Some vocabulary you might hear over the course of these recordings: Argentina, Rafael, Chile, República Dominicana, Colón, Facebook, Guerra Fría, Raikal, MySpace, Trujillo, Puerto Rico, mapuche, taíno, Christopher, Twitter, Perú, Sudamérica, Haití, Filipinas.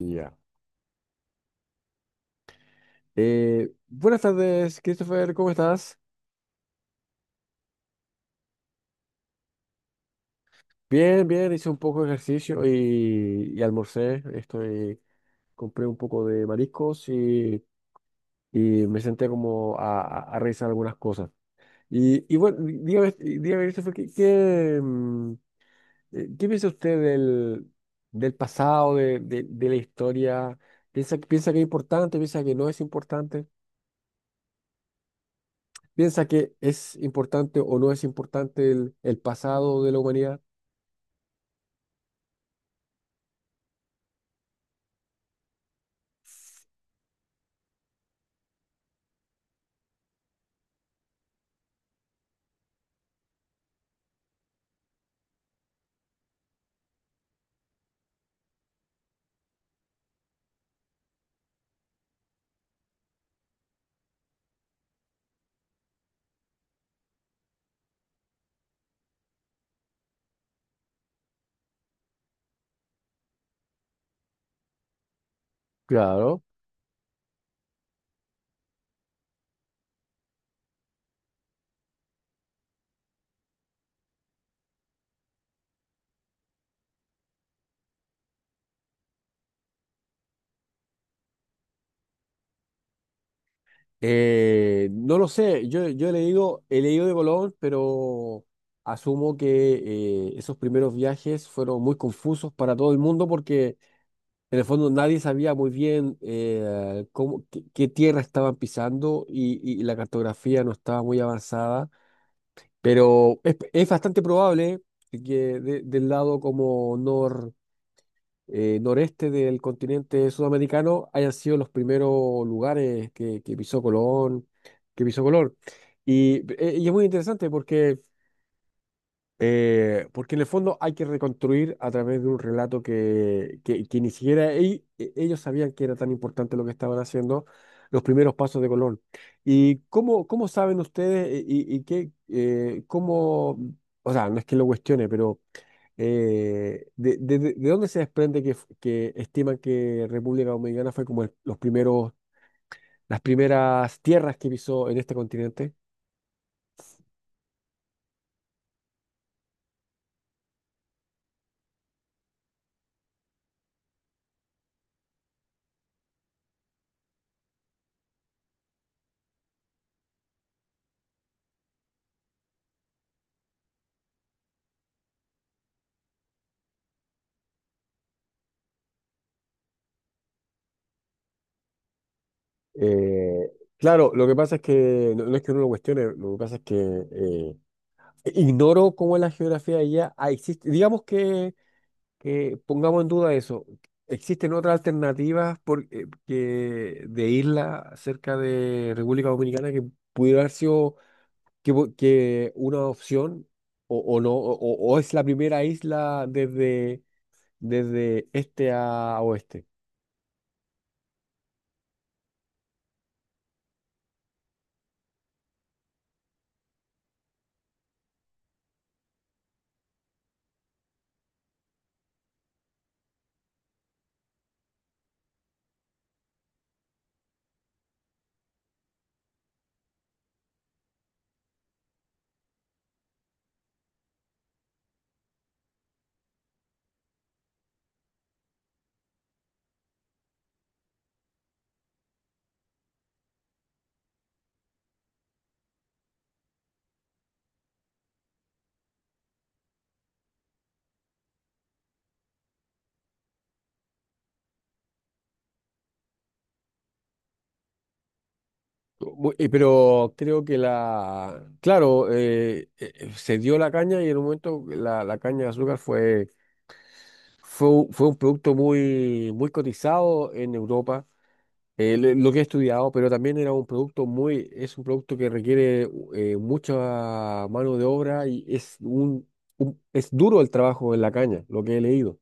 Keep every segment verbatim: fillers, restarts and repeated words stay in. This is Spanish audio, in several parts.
Ya. Eh, buenas tardes, Christopher, ¿cómo estás? Bien, bien, hice un poco de ejercicio y, y almorcé. Estoy, compré un poco de mariscos y, y me senté como a, a- a revisar algunas cosas. Y, y bueno, dígame, dígame, Christopher, ¿qué, qué, mm, eh, qué piensa usted del, del pasado, de, de- de la historia? ¿Piensa, piensa que es importante, piensa que no es importante? ¿Piensa que es importante o no es importante el el pasado de la humanidad? Claro. Eh, no lo sé, yo, yo he leído, he leído de Colón, pero asumo que eh, esos primeros viajes fueron muy confusos para todo el mundo porque en el fondo nadie sabía muy bien eh, cómo, qué, qué tierra estaban pisando y, y la cartografía no estaba muy avanzada, pero es, es bastante probable que de- del lado como eh, noreste del continente sudamericano hayan sido los primeros lugares que, que pisó Colón, que pisó Colón. Y, eh, y es muy interesante porque, eh, porque en el fondo hay que reconstruir a través de un relato que, que, que ni siquiera e- e- ellos sabían que era tan importante lo que estaban haciendo, los primeros pasos de Colón. ¿Y cómo, cómo saben ustedes eh, y, y qué, eh, cómo, o sea, no es que lo cuestione, pero eh, de, de- de- de dónde se desprende que, f- que estiman que República Dominicana fue como el- los primeros, las primeras tierras que pisó en este continente? Eh, claro, lo que pasa es que no, no es que uno lo cuestione, lo que pasa es que eh, ignoro cómo es la geografía de allá. Ah, existe, digamos que, que pongamos en duda eso. ¿Existen otras alternativas por, eh, que- de isla cerca de República Dominicana que pudiera haber sido que, po- que una opción o, o no o, o es la primera isla desde, desde este a oeste? Bu- eh, Pero creo que la, claro, eh, eh, eh, se dio la caña y en un momento la, la caña de azúcar fue, fue, un- fue un producto muy, muy cotizado en Europa, eh, lo lo que he estudiado, pero también era un producto muy, es un producto que requiere eh, mucha mano de obra y es un, un- es duro el trabajo en la caña, lo que he leído.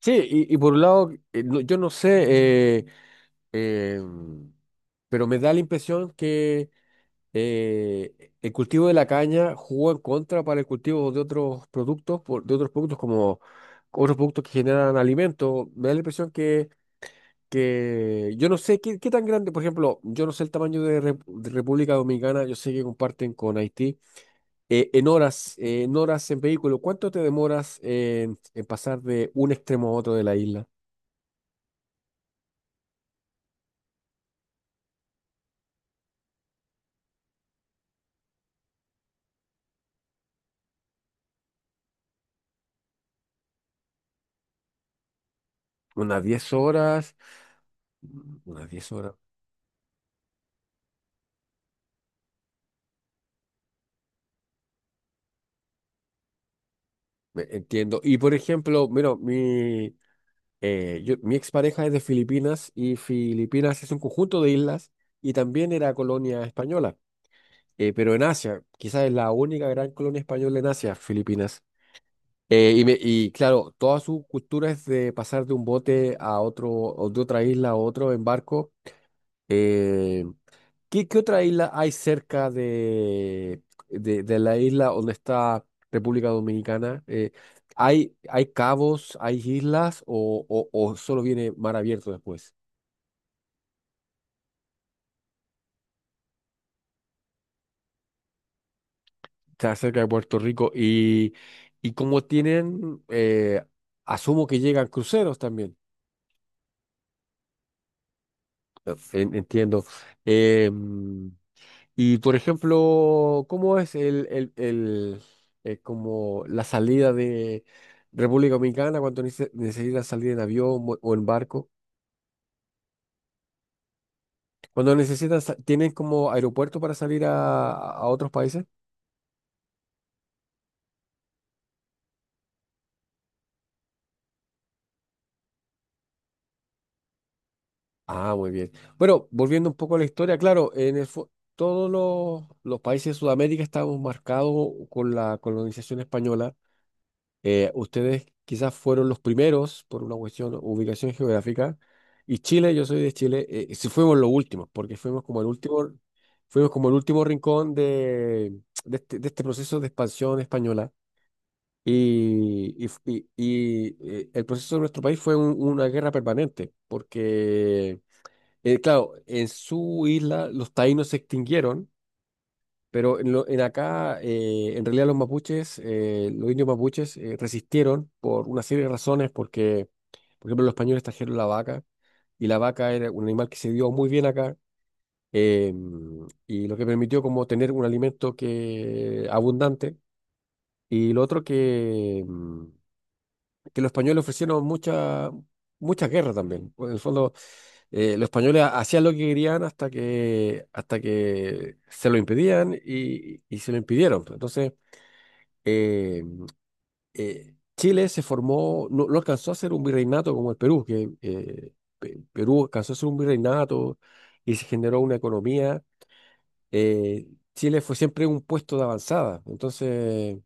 Sí, y, y por un lado, eh, no- yo no sé, eh, eh, pero me da la impresión que eh, el cultivo de la caña jugó en contra para el cultivo de otros productos, por- de otros productos como otros productos que generan alimentos. Me da la impresión que, que yo no sé qué, qué tan grande, por ejemplo, yo no sé el tamaño de, Re- de República Dominicana, yo sé que comparten con Haití. Eh, en horas, eh, en horas en vehículo, ¿cuánto te demoras en en pasar de un extremo a otro de la isla? Unas diez horas, mm, unas diez horas, me- entiendo. Y por ejemplo, mira, mi, eh, yo- mi expareja es de Filipinas y Filipinas es un conjunto de islas y también era colonia española, eh, pero en Asia, quizás es la única gran colonia española en Asia, Filipinas. Eh, y, me- y claro, toda su cultura es de pasar de un bote a otro, o de otra isla a otro en barco. Eh, ¿Qué, qué otra isla hay cerca de, de, de la isla donde está República Dominicana? Eh, ¿hay, hay cabos, hay islas o, o- o solo viene mar abierto después? Está cerca de Puerto Rico y, y como tienen, eh, asumo que llegan cruceros también, en- entiendo. Em, y por ejemplo, ¿cómo es el, el, el, eh, como la salida de República Dominicana cuando nece- necesitan salir en avión o o en barco? Cuando necesitan, sa- ¿tienen como aeropuerto para salir a, a otros países? Ah, muy bien. Bueno, volviendo un poco a la historia, claro, en el, fo- todos los, los países de Sudamérica estamos marcados con la colonización española. Eh, ustedes quizás fueron los primeros por una cuestión, ubicación geográfica, y Chile, yo soy de Chile, eh, sí fuimos los últimos, porque fuimos como el último, fuimos como el último rincón de, de este, de este proceso de expansión española. Y, y, y- y, eh, el proceso de nuestro país fue un- una guerra permanente, porque, eh, claro, en su isla los taínos se extinguieron pero en, lo- en acá, eh, en realidad los mapuches, eh, los indios mapuches eh, resistieron por una serie de razones, porque, por ejemplo, los españoles trajeron la vaca, y la vaca era un animal que se dio muy bien acá, eh, y lo que permitió como tener un alimento que, abundante, y lo otro que, mm, que los españoles ofrecieron mucha, mucha guerra también. En el fondo, eh, los españoles ha- hacían lo que querían hasta que, hasta que se lo impedían y, y se lo impidieron, pues. Entonces, eh, eh, Chile se formó, no, no alcanzó a ser un virreinato como el Perú, que eh, Pe- Perú alcanzó a ser un virreinato y se generó una economía. eh, Chile fue siempre un puesto de avanzada, entonces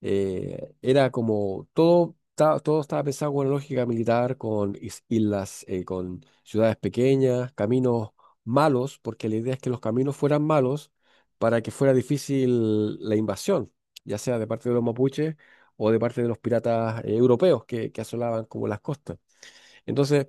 eh, era como todo, ta- todo estaba pensado con lógica militar, con is- islas, eh, con ciudades pequeñas, caminos malos, porque la idea es que los caminos fueran malos para que fuera difícil la invasión, ya sea de parte de los mapuches o de parte de los piratas, eh, europeos que, que asolaban como las costas. Entonces,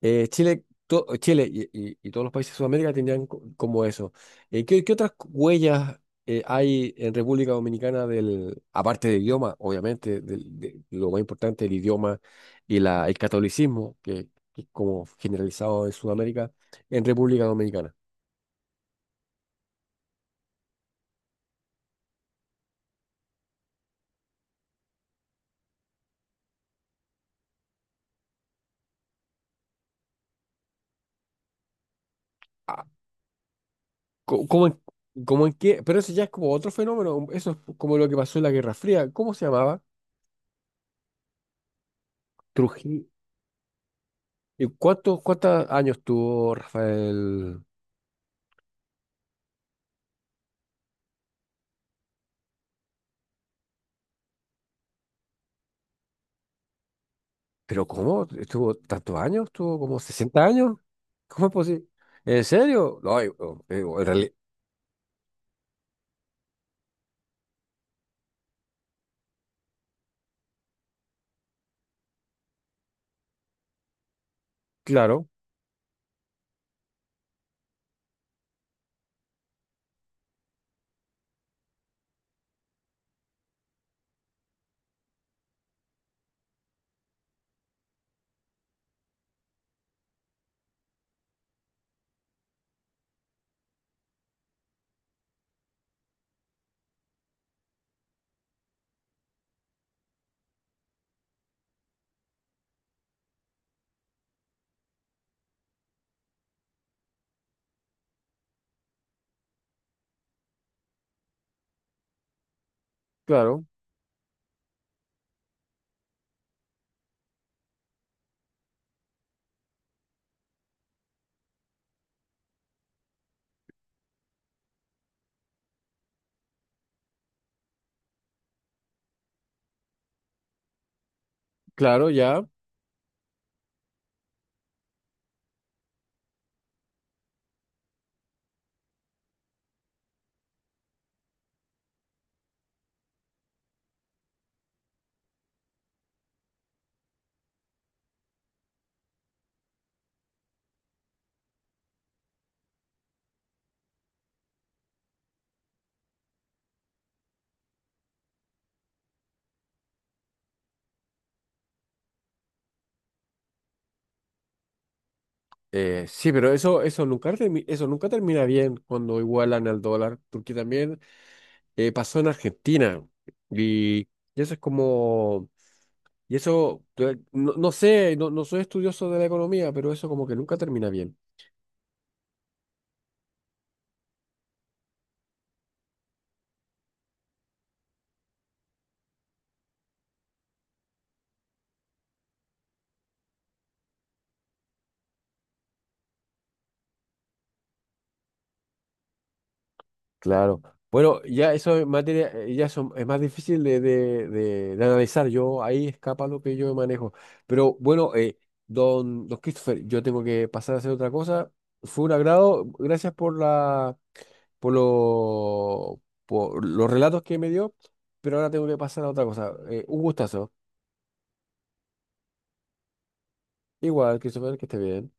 eh, Chile, to- Chile y, y- y todos los países de Sudamérica tendrían co- como eso. Eh, ¿qué, qué otras huellas eh, hay en República Dominicana del, aparte del idioma, obviamente, del- de, lo más importante, el idioma y la, el catolicismo, que, que es como generalizado en Sudamérica, en República Dominicana? Ah, co- ¿cómo, en, cómo en qué? Pero eso ya es como otro fenómeno, eso es como lo que pasó en la Guerra Fría. ¿Cómo se llamaba? Trujillo. ¿Y cuántos, cuántos años tuvo Rafael? ¿Pero cómo? ¿Estuvo tantos años? ¿Estuvo como sesenta años? ¿Cómo es posible? ¿En serio? No, eh, oh, eh, oh, en reali- Claro, claro, claro, ya. Eh, sí, pero eso, eso nunca termi- eso nunca termina bien cuando igualan el dólar, porque también eh, pasó en Argentina. Y, y eso es como, y eso, eh, no, no sé, no, no soy estudioso de la economía, pero eso como que nunca termina bien. Claro. Bueno, ya eso es materia, eh, ya son, es más difícil de, de- de- de analizar. Yo ahí escapa lo que yo manejo. Pero bueno, eh, don, don Christopher, yo tengo que pasar a hacer otra cosa. Fue un agrado. Gracias por la, por lo, por los relatos que me dio. Pero ahora tengo que pasar a otra cosa. Eh, un gustazo. Igual, Christopher, que esté bien.